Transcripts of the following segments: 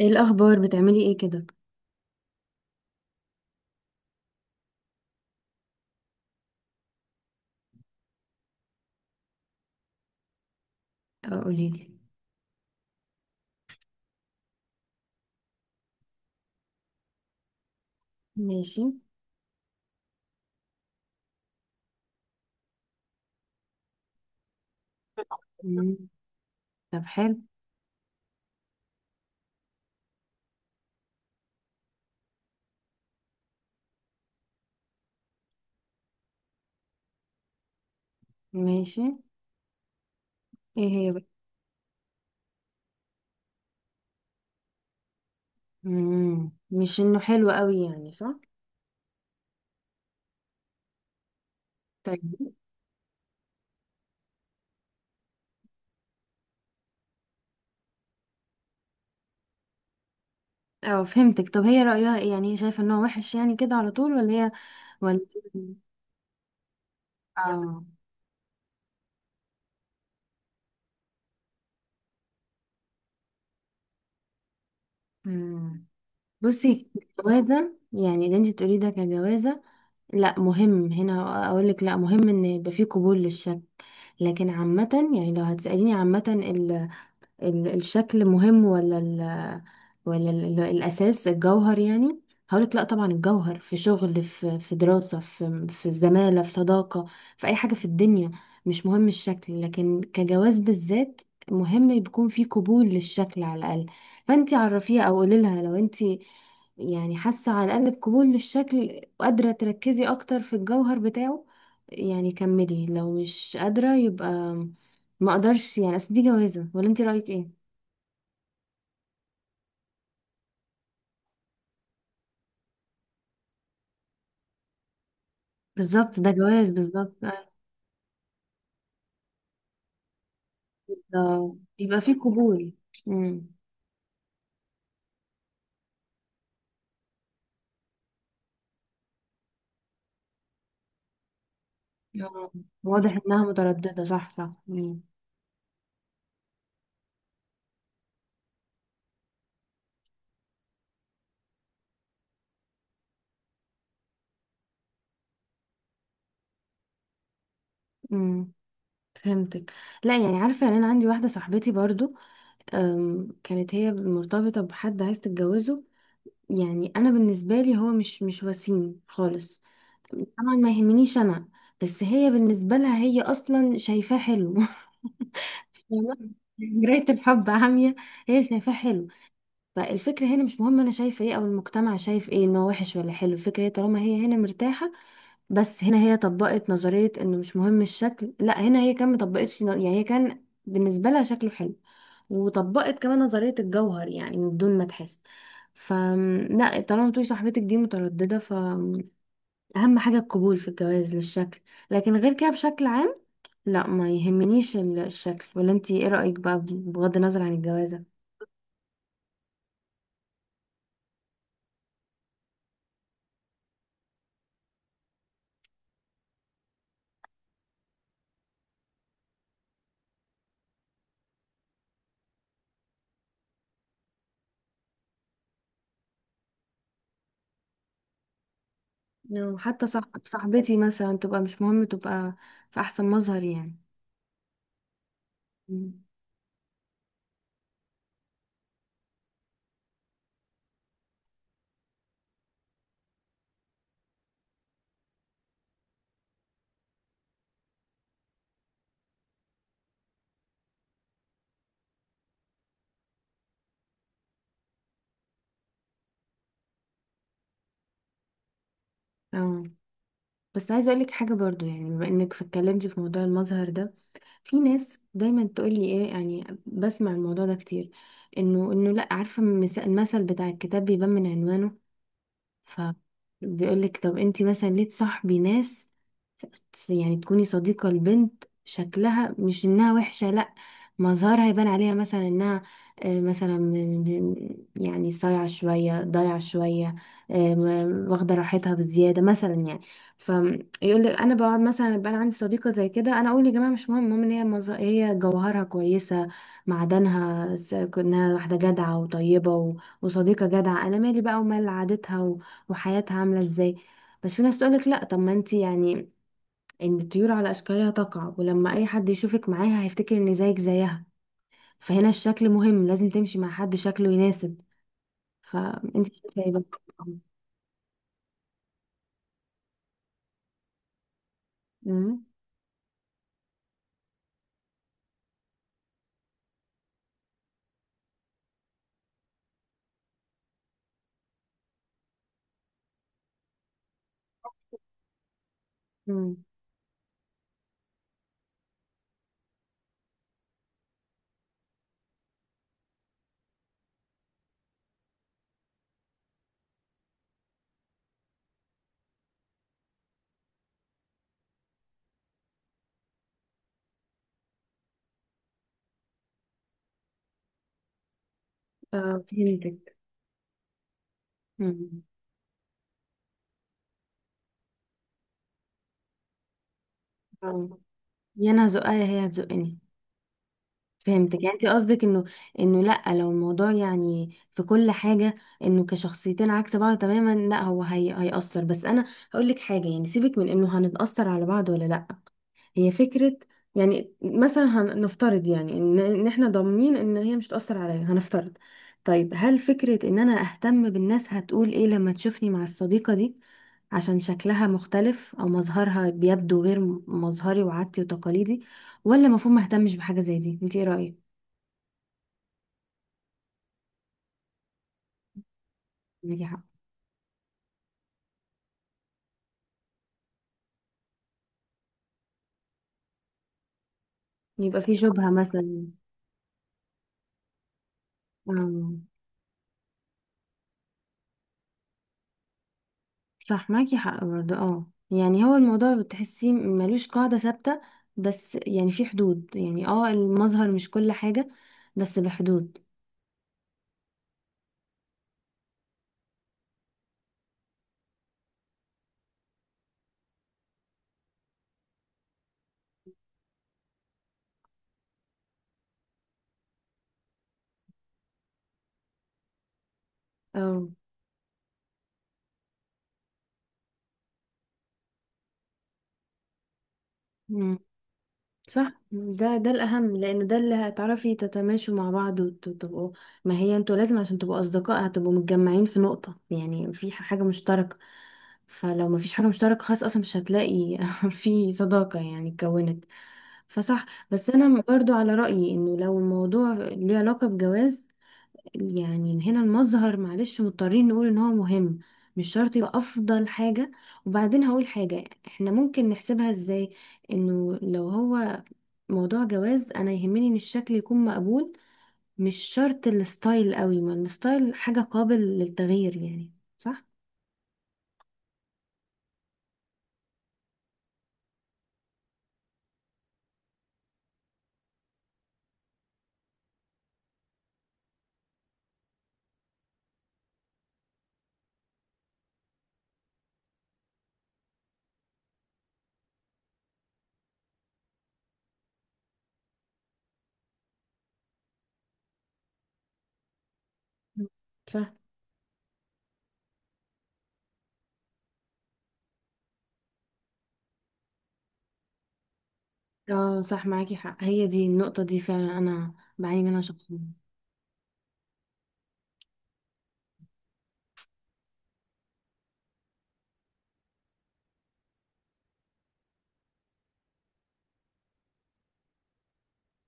ايه الاخبار، بتعملي ايه كده؟ آه، قوليلي. ماشي. مم. طب، حلو. ماشي. ايه هي بقى؟ مم. مش انه حلو قوي، يعني صح؟ طيب. اه، فهمتك. طب هي رأيها ايه؟ يعني هي شايفه انه وحش يعني كده على طول، ولا هي... ولا. اه. مم. بصي. جوازة يعني؟ اللي انت بتقوليه ده كجوازة؟ لا مهم. هنا اقول لك، لا مهم ان يبقى فيه قبول للشك. لكن عامة، يعني لو هتسأليني عامة، الشكل مهم ولا ال... ولا الأساس، الجوهر يعني؟ هقولك لا، طبعا الجوهر، في شغل، في دراسة، في زمالة، في صداقة، في أي حاجة في الدنيا. مش مهم الشكل، لكن كجواز بالذات مهم يكون في قبول للشكل على الأقل. فأنتي عرفيها أو قولي لها، لو أنتي يعني حاسة على الأقل بقبول للشكل، وقادرة تركزي أكتر في الجوهر بتاعه، يعني كملي. لو مش قادرة يبقى ما اقدرش، يعني اصل دي جوازة. ولا انت رأيك ايه؟ بالظبط، ده جواز بالظبط. أيوة، ده يبقى فيه قبول. امم. آه، واضح انها مترددة، صح صح. امم. امم. فهمتك. لا يعني، عارفة، يعني انا عندي واحدة صاحبتي برضو. كانت هي مرتبطة بحد عايز تتجوزه. يعني انا بالنسبة لي هو مش وسيم خالص. طبعا ما يهمنيش انا. بس هي بالنسبة لها، هي اصلا شايفاه حلو. فاهمة؟ مراية الحب عامية. هي شايفاه حلو. فالفكرة هنا مش مهم أنا شايفة إيه أو المجتمع شايف إيه إن هو وحش ولا حلو. الفكرة هي طالما هي هنا مرتاحة. بس هنا هي طبقت نظرية إنه مش مهم الشكل. لا، هنا هي كان مطبقتش، يعني هي كان بالنسبة لها شكله حلو. وطبقت كمان نظرية الجوهر، يعني من دون ما تحس. ف... لا، طالما تقولي صاحبتك دي مترددة، ف أهم حاجة القبول في الجواز للشكل. لكن غير كده بشكل عام، لا ما يهمنيش الشكل. ولا انتي ايه رأيك بقى، بغض النظر عن الجوازة؟ أو حتى صح، صاحبتي مثلا تبقى، مش مهم تبقى في احسن مظهر يعني. مم. اه. بس عايزه اقول لك حاجه برضو، يعني بما انك اتكلمتي في موضوع المظهر ده، في ناس دايما تقول لي ايه، يعني بسمع الموضوع ده كتير. انه لا، عارفه، المثل بتاع الكتاب بيبان من عنوانه. فبيقولك طب انتي مثلا ليه تصاحبي ناس؟ يعني تكوني صديقة البنت، شكلها مش انها وحشة، لا مظهرها يبان عليها مثلا انها، مثلا يعني صايعة شوية ضايعة شوية، واخدة راحتها بزيادة مثلا يعني. فيقول لك، انا بقعد مثلا، يبقى انا عندي صديقة زي كده، انا اقول يا جماعة مش مهم، المهم ان هي، هي جوهرها كويسة، معدنها، انها واحدة جدعة وطيبة وصديقة جدعة. انا مالي بقى ومال عادتها وحياتها عاملة ازاي. بس في ناس تقولك لا، طب ما انتي يعني ان الطيور على اشكالها تقع، ولما اي حد يشوفك معاها هيفتكر ان زيك زيها. فهنا الشكل مهم، لازم تمشي مع حد شكله يناسب. فانتي شايفة ايه بقى؟ امم. امم. آه، فهمتك. امم. آه. يا انا هزقها يا هي هتزقني. فهمتك، يعني انت قصدك انه لا، لو الموضوع يعني في كل حاجه، انه كشخصيتين عكس بعض تماما، لا هو هي هيأثر. بس انا هقول لك حاجه، يعني سيبك من انه هنتأثر على بعض ولا لا. هي فكرة. يعني مثلا هنفترض، يعني ان احنا ضامنين ان هي مش تأثر عليا، هنفترض. طيب، هل فكرة ان انا اهتم بالناس هتقول ايه لما تشوفني مع الصديقة دي، عشان شكلها مختلف او مظهرها بيبدو غير مظهري وعادتي وتقاليدي، ولا المفروض ما اهتمش بحاجة زي دي؟ انت ايه رأيك؟ معاكي حق. يبقى في شبهة مثلا. آه. صح، معاكي حق برضه. اه، يعني هو الموضوع بتحسيه ملوش قاعدة ثابتة، بس يعني في حدود، يعني اه، المظهر مش كل حاجة، بس بحدود. اه صح. ده الأهم، لأنه ده اللي هتعرفي تتماشوا مع بعض وتبقوا، ما هي انتوا لازم عشان تبقوا أصدقاء هتبقوا متجمعين في نقطة، يعني في حاجة مشتركة. فلو ما فيش حاجة مشتركة، خلاص أصلا مش هتلاقي في صداقة يعني اتكونت. فصح. بس أنا برضو على رأيي إنه لو الموضوع ليه علاقة بجواز، يعني هنا المظهر، معلش مضطرين نقول إن هو مهم، مش شرط يبقى أفضل حاجة. وبعدين هقول حاجة، احنا ممكن نحسبها ازاي، انه لو هو موضوع جواز، انا يهمني ان الشكل يكون مقبول، مش شرط الستايل قوي، ما الستايل حاجة قابل للتغيير يعني، صح؟ مم. صح. اه صح، معاكي حق. هي دي النقطة دي فعلا، انا بعاني منها شخصيا.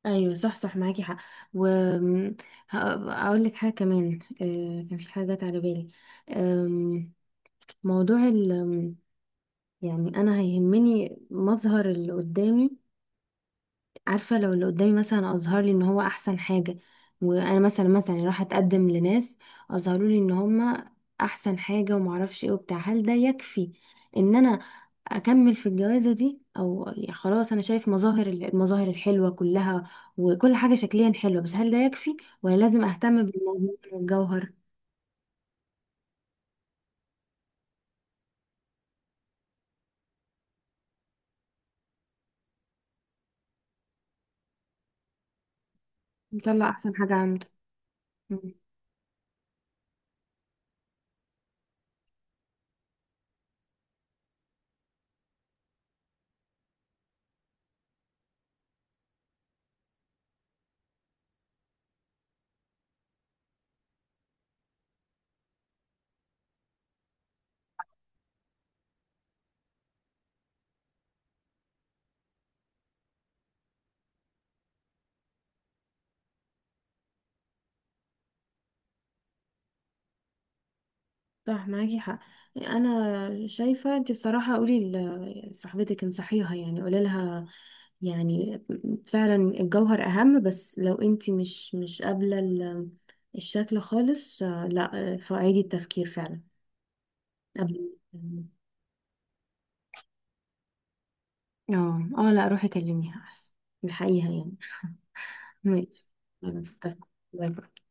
ايوه صح صح، معاكي حق. و... اقول لك حاجة كمان، كان في حاجة جت على بالي. آم، موضوع ال... يعني انا هيهمني مظهر اللي قدامي. عارفة، لو اللي قدامي مثلا أظهر لي إن هو أحسن حاجة، وأنا مثلا راح أتقدم لناس أظهروا لي إن هما أحسن حاجة ومعرفش إيه وبتاع، هل ده يكفي إن أنا أكمل في الجوازة دي، أو يا خلاص أنا شايف المظاهر الحلوة كلها، وكل حاجة شكليا حلوة، بس هل ده يكفي، ولا لازم أهتم بالموضوع الجوهر؟ يطلع أحسن حاجة عنده. صح، معاكي حق. انا شايفه، انت بصراحه قولي لصاحبتك انصحيها، يعني قولي لها، يعني فعلا الجوهر اهم، بس لو انت مش قابله الشكل خالص، لا فعيدي التفكير فعلا. قبل. اه، اه، لا روحي كلميها احسن، الحقيقه يعني. ماشي. انا استفدت.